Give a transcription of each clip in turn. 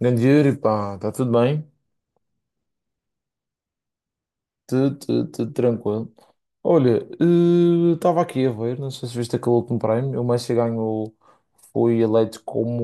Grande Yuri, pá, está tudo bem? Tudo, tudo, tudo tranquilo. Olha, estava aqui a ver, não sei se viste aquele último prémio, o Messi ganhou, foi eleito como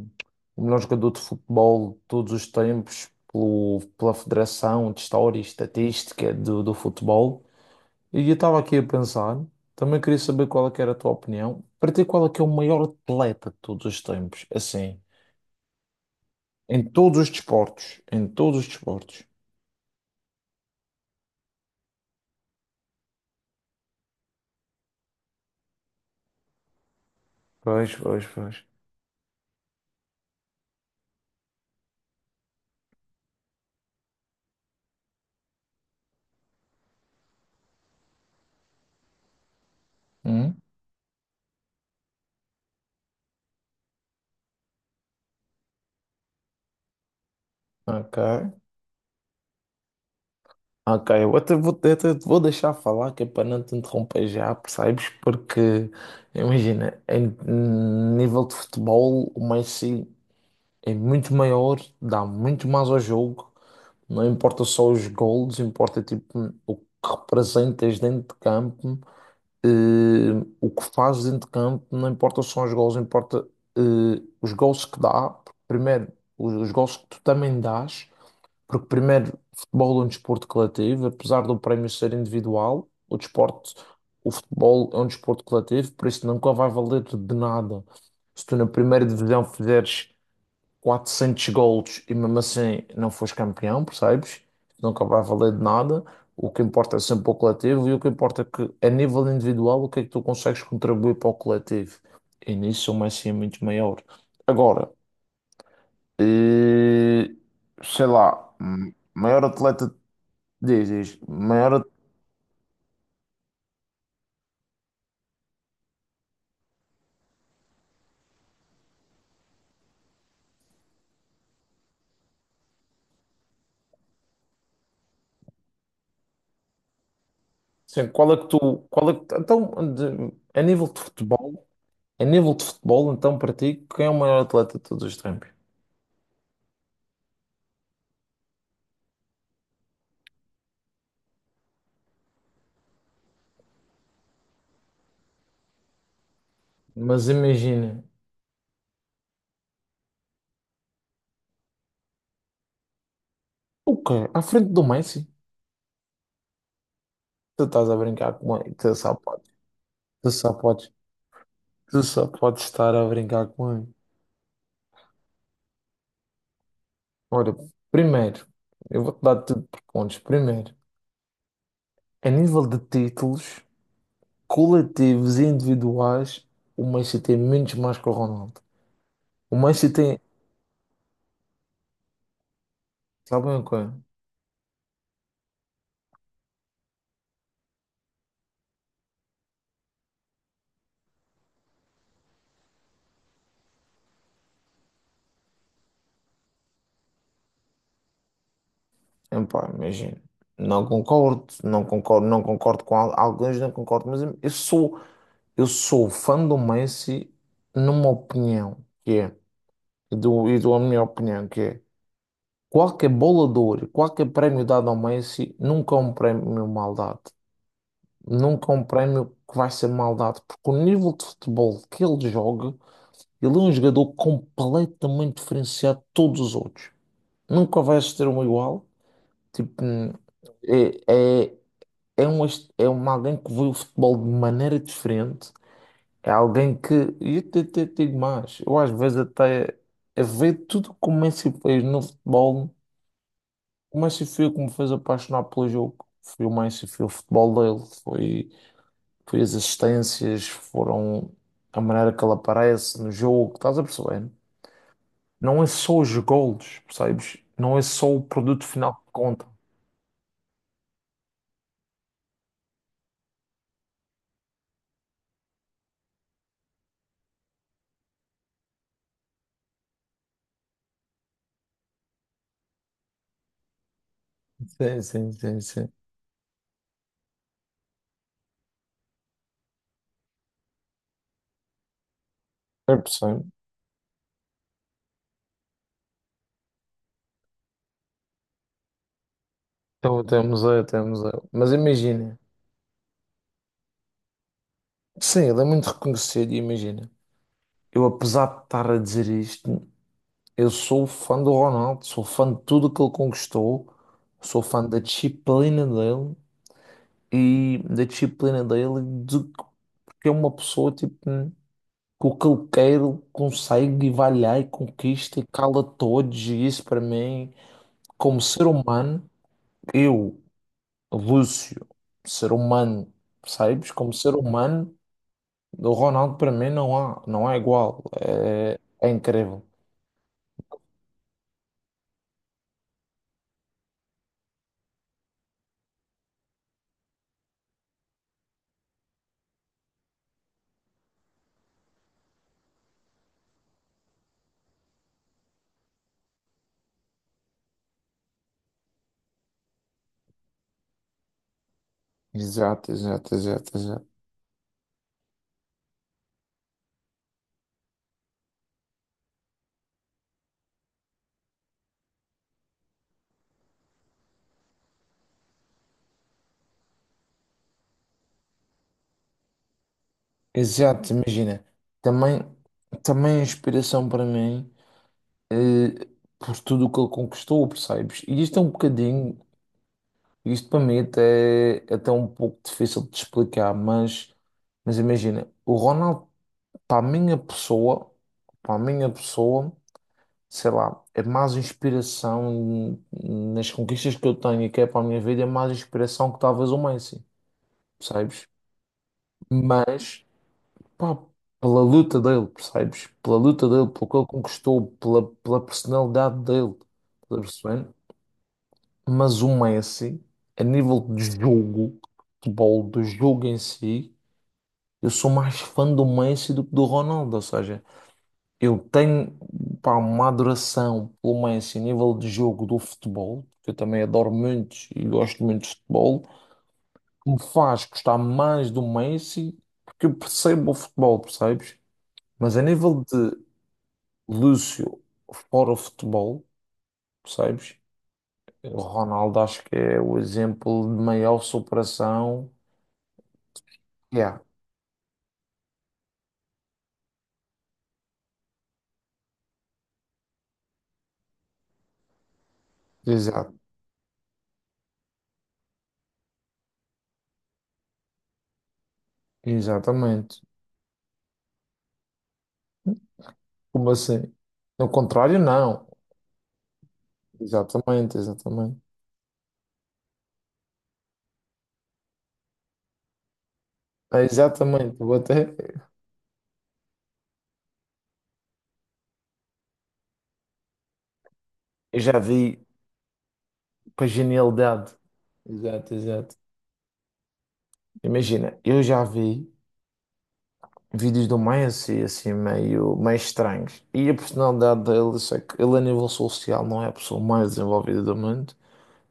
o melhor jogador de futebol de todos os tempos pela Federação de História e Estatística do Futebol. E eu estava aqui a pensar, também queria saber qual é que era a tua opinião, para ti qual é que é o maior atleta de todos os tempos, assim, em todos os desportos, em todos os desportos. Pois, pois, pois. Hum, ok. Ok, até te vou deixar falar, que é para não te interromper já, percebes? Porque, imagina, em nível de futebol, o Messi é muito maior, dá muito mais ao jogo. Não importa só os gols, importa tipo o que representas dentro de campo, eh, o que fazes dentro de campo, não importa só os gols, importa eh, os gols que dá. Primeiro, os gols que tu também dás. Porque, primeiro, futebol é um desporto coletivo, apesar do prémio ser individual, o desporto, o futebol é um desporto coletivo, por isso nunca vai valer de nada. Se tu na primeira divisão fizeres 400 golos e mesmo assim não fores campeão, percebes? Nunca vai valer de nada. O que importa é sempre o coletivo e o que importa é que, a nível individual, o que é que tu consegues contribuir para o coletivo. E nisso o Messi é muito maior. Agora, eh, sei lá, maior atleta. Diz, diz, maior, assim, qual é que, tu- a nível de futebol, então, para ti, quem é o maior atleta de todos os tempos? Mas imagina, o quê? À frente do Messi? Tu estás a brincar com ele, tu só podes, tu só podes estar a brincar com ele. Olha, primeiro, eu vou-te dar tudo por pontos. Primeiro, a nível de títulos coletivos e individuais, o Messi tem menos mais que o Ronaldo. O Messi tem, sabem o quê? Epá, imagina, não concordo, não concordo, não concordo com alguns, não concordo, mas eu sou fã do Messi numa opinião, que é, e dou a minha opinião, que é, qualquer bola de ouro, qualquer prémio dado ao Messi, nunca é um prémio mal dado, nunca é um prémio que vai ser mal dado, porque o nível de futebol que ele joga, ele é um jogador completamente diferenciado de todos os outros, nunca vai ser um igual, tipo… É, é- é um, est- é um alguém que vê o futebol de maneira diferente. É alguém que, e eu até, até digo mais, eu às vezes até é ver tudo como o Messi fez no futebol. O Messi foi o que me fez apaixonar pelo jogo. Foi o Messi, foi o futebol dele, foi as assistências, foram a maneira que ele aparece no jogo. Estás a perceber? Não é só os golos, percebes? Não é só o produto final que conta. Sim, sim, sim, sim. É possível. Então temos é, temos é. Mas imagina. Sim, ele é muito reconhecido, e imagina. Eu, apesar de estar a dizer isto, eu sou fã do Ronaldo, sou fã de tudo que ele conquistou, sou fã da disciplina dele e da disciplina dele, e de, porque é uma pessoa tipo, que o que ele quer, ele consegue e vai lá e conquista e cala todos, e isso para mim, como ser humano, eu, Lúcio, ser humano, sabes. Como ser humano. Do Ronaldo para mim não há igual. É, é incrível. Exato, exato, exato, exato. Exato, imagina. Também, também a inspiração para mim, eh, por tudo o que ele conquistou, percebes? E isto é um bocadinho, isto para mim até, até é um pouco difícil de explicar, mas imagina, o Ronaldo, para a minha pessoa, para a minha pessoa. Sei lá, a mais inspiração nas conquistas que eu tenho e que é para a minha vida, é mais inspiração que talvez o Messi, percebes? Mas, pá, pela luta dele, percebes? Pela luta dele, pelo que ele conquistou, pela personalidade dele, estás a perceber? Mas o Messi, a nível de jogo, de futebol, do jogo em si, eu sou mais fã do Messi do que do Ronaldo, ou seja. Eu tenho, pá, uma adoração pelo Messi a nível de jogo do futebol, que eu também adoro muito e gosto muito de futebol, que me faz gostar mais do Messi, porque eu percebo o futebol, percebes? Mas a nível de Lúcio, fora o futebol, percebes? O Ronaldo acho que é o exemplo de maior superação. Yeah, exato, exatamente. Como assim? No contrário, não. Exatamente, exatamente. É, exatamente, vou até. Eu já vi para genialidade. Exato, exato. Imagina, eu já vi vídeos do Maia assim, assim meio, meio estranhos. E a personalidade dele, sei que ele a nível social não é a pessoa mais desenvolvida do mundo,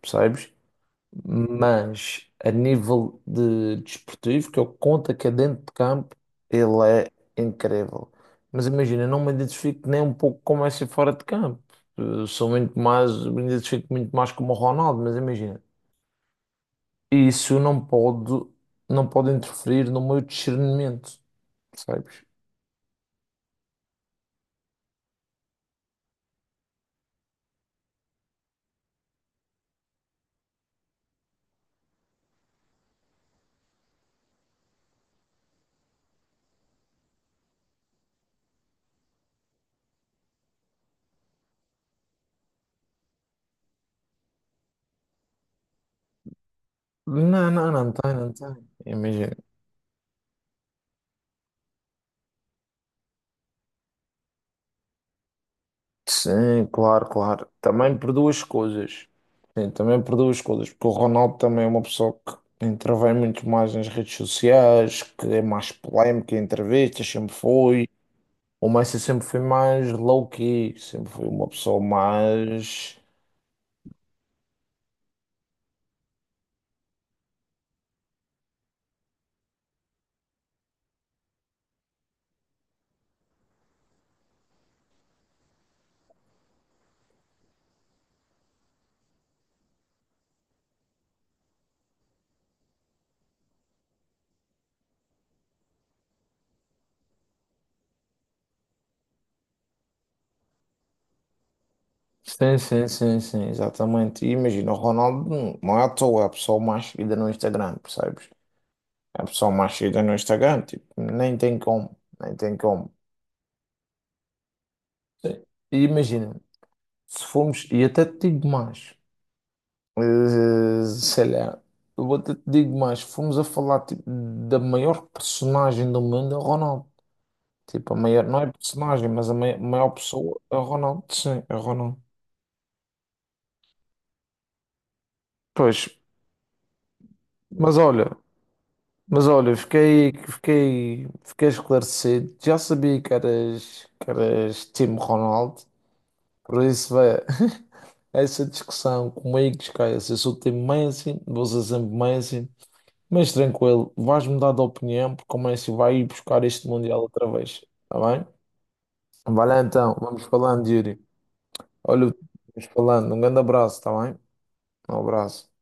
percebes? Mas a nível de desportivo, que eu conto que é dentro de campo, ele é incrível. Mas imagina, eu não me identifico nem um pouco como é ser fora de campo. Eu sou muito mais, me identifico muito mais como o Ronaldo, mas imagina. E isso não pode, não pode interferir no meu discernimento, percebes? Não, não, não tem. Imagina. Sim, claro, claro. Também por duas coisas. Sim, também por duas coisas. Porque o Ronaldo também é uma pessoa que intervém muito mais nas redes sociais, que é mais polémica em entrevistas, sempre foi. O Messi sempre foi mais low-key, sempre foi uma pessoa mais. Sim, sim, sim, sim, exatamente. E imagina, o Ronaldo não é à toa, é a pessoa mais seguida no Instagram, percebes? É a pessoa mais seguida no Instagram, tipo, nem tem como, nem tem como. Sim. E imagina, se formos, e até te digo mais, sei lá, eu até te digo mais, se formos a falar, tipo, da maior personagem do mundo, é o Ronaldo. Tipo, a maior, não é personagem, mas a maior pessoa é o Ronaldo, sim, é o Ronaldo. Pois, mas olha. Mas olha, fiquei esclarecido. Já sabia que eras time Ronaldo, por isso vai essa discussão comigo, esquece. Eu sou time Messi, vou ser sempre Messi, mas tranquilo, vais mudar de opinião porque o Messi vai ir buscar este Mundial outra vez, tá bem? Vai lá então, vamos falando, Yuri. Olha, vamos falando. Um grande abraço, tá bem? Um abraço.